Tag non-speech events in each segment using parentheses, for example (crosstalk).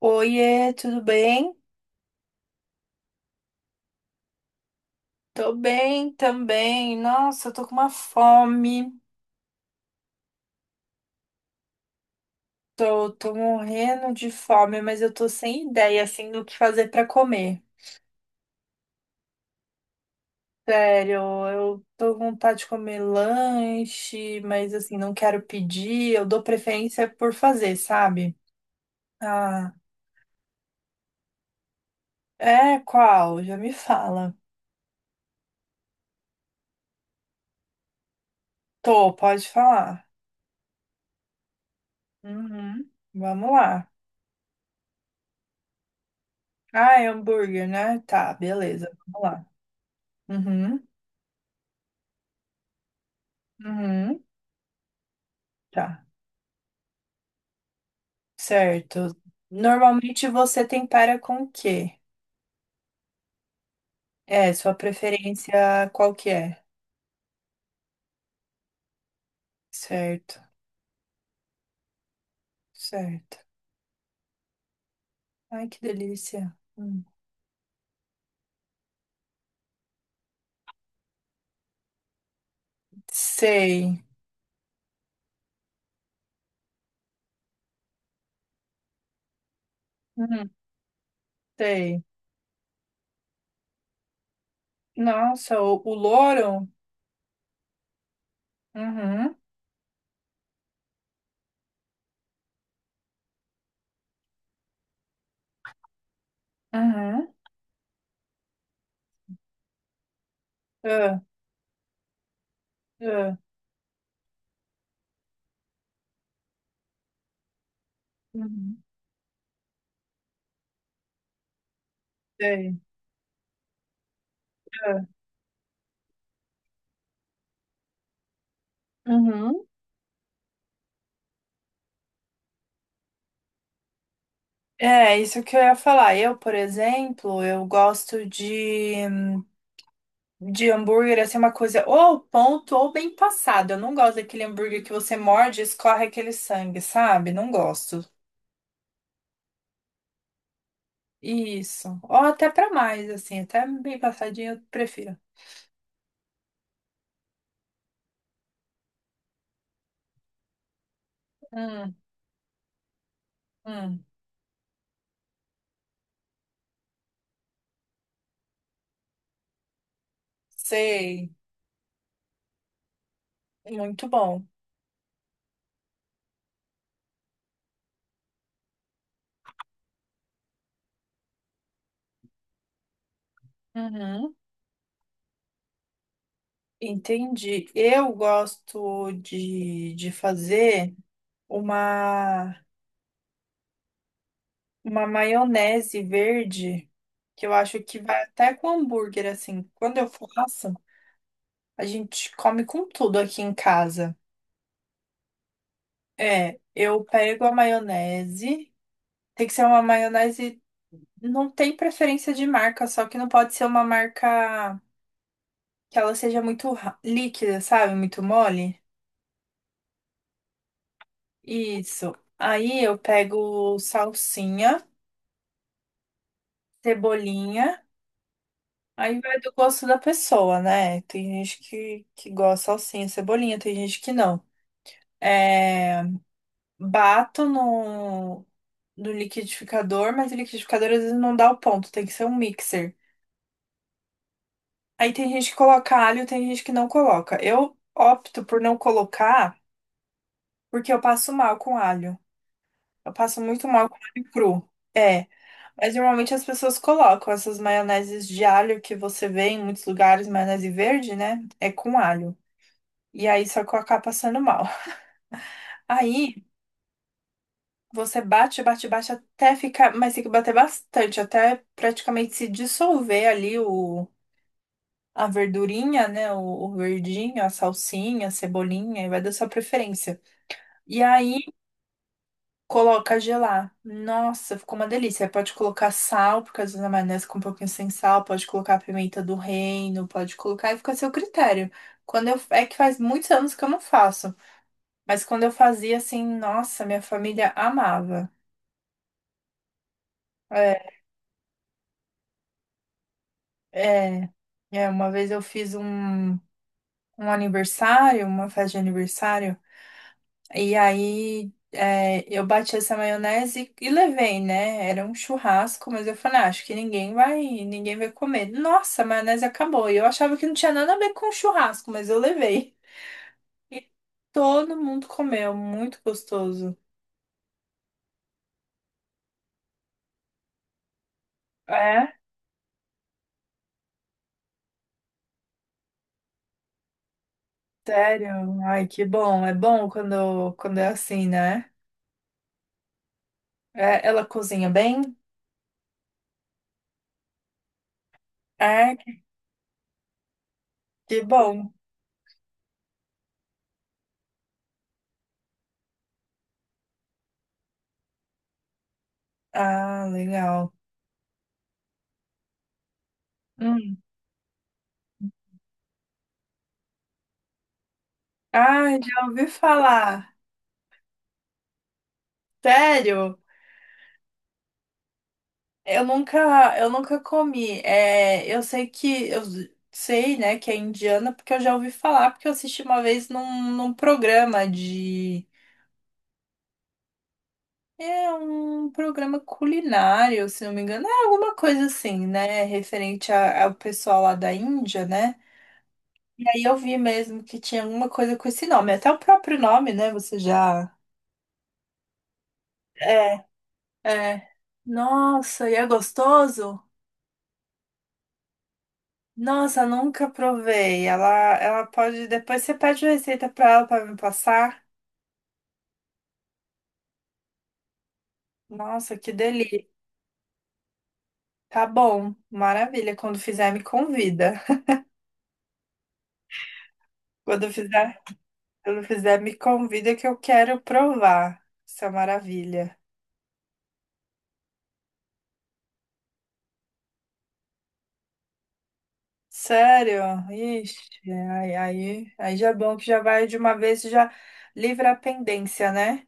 Oiê, tudo bem? Tô bem também. Nossa, eu tô com uma fome. Tô morrendo de fome, mas eu tô sem ideia, assim, do que fazer pra comer. Sério, eu tô com vontade de comer lanche, mas, assim, não quero pedir. Eu dou preferência por fazer, sabe? Ah, é qual? Já me fala. Tô, pode falar. Uhum, vamos lá. Ah, é hambúrguer, né? Tá, beleza, vamos lá. Uhum, uhum, tá. Certo. Normalmente você tempera com o quê? É, sua preferência qual que é? Certo, certo. Ai, que delícia. Hum. Sei. Hum, sei. Nossa, o louro? Uhum, uhum. Ah, ah, uhum. Sei. Ah, uhum. É, isso que eu ia falar. Eu, por exemplo, eu gosto de hambúrguer, assim, é uma coisa ou ao ponto ou bem passado. Eu não gosto daquele hambúrguer que você morde e escorre aquele sangue, sabe? Não gosto. Isso. Ou até pra mais, assim, até bem passadinho eu prefiro. Hum, hum. Sei. Muito bom. Uhum. Entendi. Eu gosto de fazer uma, uma maionese verde, que eu acho que vai até com hambúrguer, assim. Quando eu faço. A gente come com tudo aqui em casa. É, eu pego a maionese. Tem que ser uma maionese. Não tem preferência de marca, só que não pode ser uma marca que ela seja muito ra- líquida, sabe? Muito mole. Isso. Aí eu pego salsinha, cebolinha. Aí vai do gosto da pessoa, né? Tem gente que gosta de salsinha, cebolinha, tem gente que não. É, bato do liquidificador, mas o liquidificador às vezes não dá o ponto, tem que ser um mixer. Aí tem gente que coloca alho, tem gente que não coloca. Eu opto por não colocar porque eu passo mal com alho. Eu passo muito mal com alho cru. É, mas normalmente as pessoas colocam essas maioneses de alho que você vê em muitos lugares, maionese verde, né? É com alho. E aí só que eu acabo passando mal. (laughs) Aí você bate, bate, bate até ficar, mas tem que bater bastante, até praticamente se dissolver ali o a verdurinha, né? O verdinho, a salsinha, a cebolinha, e vai da sua preferência. E aí coloca a gelar. Nossa, ficou uma delícia. Aí pode colocar sal, porque às vezes a maionese com um pouquinho sem sal, pode colocar a pimenta do reino, pode colocar e fica a seu critério. Quando eu, é que faz muitos anos que eu não faço, mas quando eu fazia assim, nossa, minha família amava. É, é, é, uma vez eu fiz um aniversário, uma festa de aniversário. E aí é, eu bati essa maionese e levei, né? Era um churrasco, mas eu falei, "Ah, acho que ninguém vai comer." Nossa, a maionese acabou. E eu achava que não tinha nada a ver com churrasco, mas eu levei. E todo mundo comeu, muito gostoso. É? Sério? Ai, que bom. É bom quando, quando é assim, né? É, ela cozinha bem? É, que bom. Ah, legal. Hum. Ah, já ouvi falar. Sério? Eu nunca, eu nunca comi. É, eu sei que eu sei, né, que é indiana porque eu já ouvi falar, porque eu assisti uma vez num, num programa de é um programa culinário, se não me engano, é alguma coisa assim, né, referente a- ao pessoal lá da Índia, né? E aí eu vi mesmo que tinha alguma coisa com esse nome, até o próprio nome, né? Você já é, é. Nossa, e é gostoso? Nossa, nunca provei. Ela pode. Depois você pede a receita pra ela pra me passar. Nossa, que delícia. Tá bom, maravilha. Quando fizer, me convida. Quando fizer, quando fizer, me convida que eu quero provar essa maravilha. Sério? Ixi, aí já é bom que já vai de uma vez e já livra a pendência, né?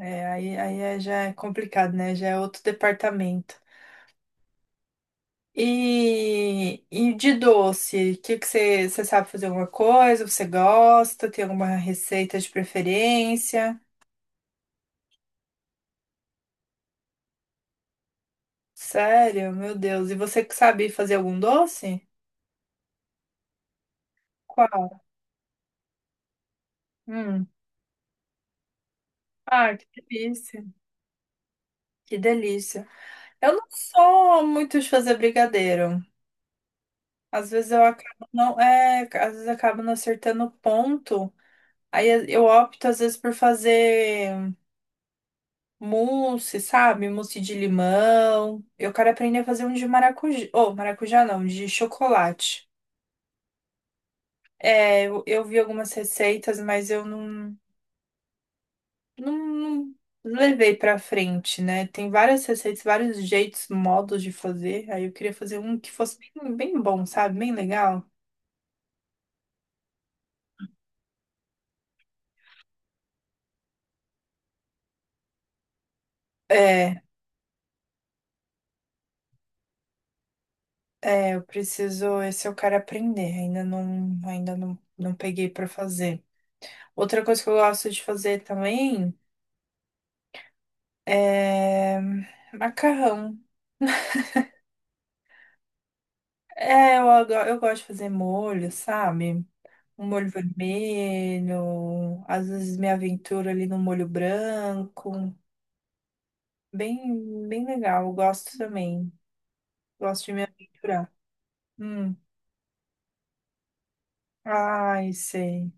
É, aí é- já é complicado, né? Já é outro departamento. E de doce, o que que você sabe fazer alguma coisa? Você gosta? Tem alguma receita de preferência? Sério? Meu Deus. E você que sabe fazer algum doce? Qual? Hum. Ah, que delícia. Que delícia. Eu não sou muito de fazer brigadeiro. Às vezes eu acabo não, é, às vezes eu acabo não acertando o ponto. Aí eu opto às vezes por fazer mousse, sabe? Mousse de limão. Eu quero aprender a fazer um de maracujá. Oh, maracujá não, de chocolate. Eu vi algumas receitas, mas eu não, não levei pra frente, né? Tem várias receitas, vários jeitos, modos de fazer. Aí eu queria fazer um que fosse bem, bem bom, sabe? Bem legal. É, eu preciso, esse eu quero aprender. Ainda não, não peguei pra fazer. Outra coisa que eu gosto de fazer também. É... Macarrão. (laughs) É, eu gosto de fazer molho, sabe? Um molho vermelho, às vezes me aventuro ali no molho branco. Bem, bem legal, eu gosto também. Gosto de me aventurar. Hum. Ai, sei.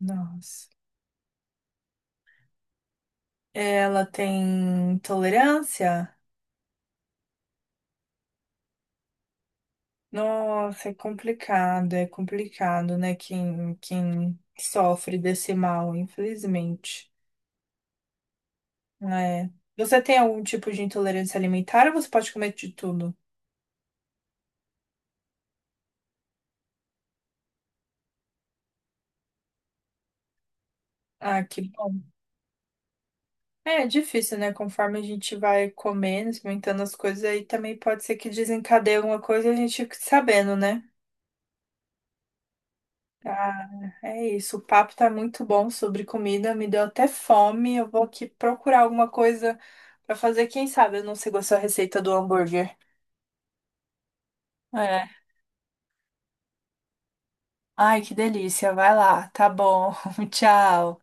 Nossa. Ela tem tolerância? Nossa, é complicado, né? Quem, quem sofre desse mal, infelizmente. É. Você tem algum tipo de intolerância alimentar ou você pode comer de tudo? Ah, que bom. É, é difícil, né? Conforme a gente vai comendo, experimentando as coisas, aí também pode ser que desencadeie alguma coisa e a gente fique sabendo, né? Ah, é isso. O papo tá muito bom sobre comida, me deu até fome. Eu vou aqui procurar alguma coisa pra fazer. Quem sabe eu não sei gostar da receita do hambúrguer. É. Ai, que delícia. Vai lá. Tá bom. (laughs) Tchau.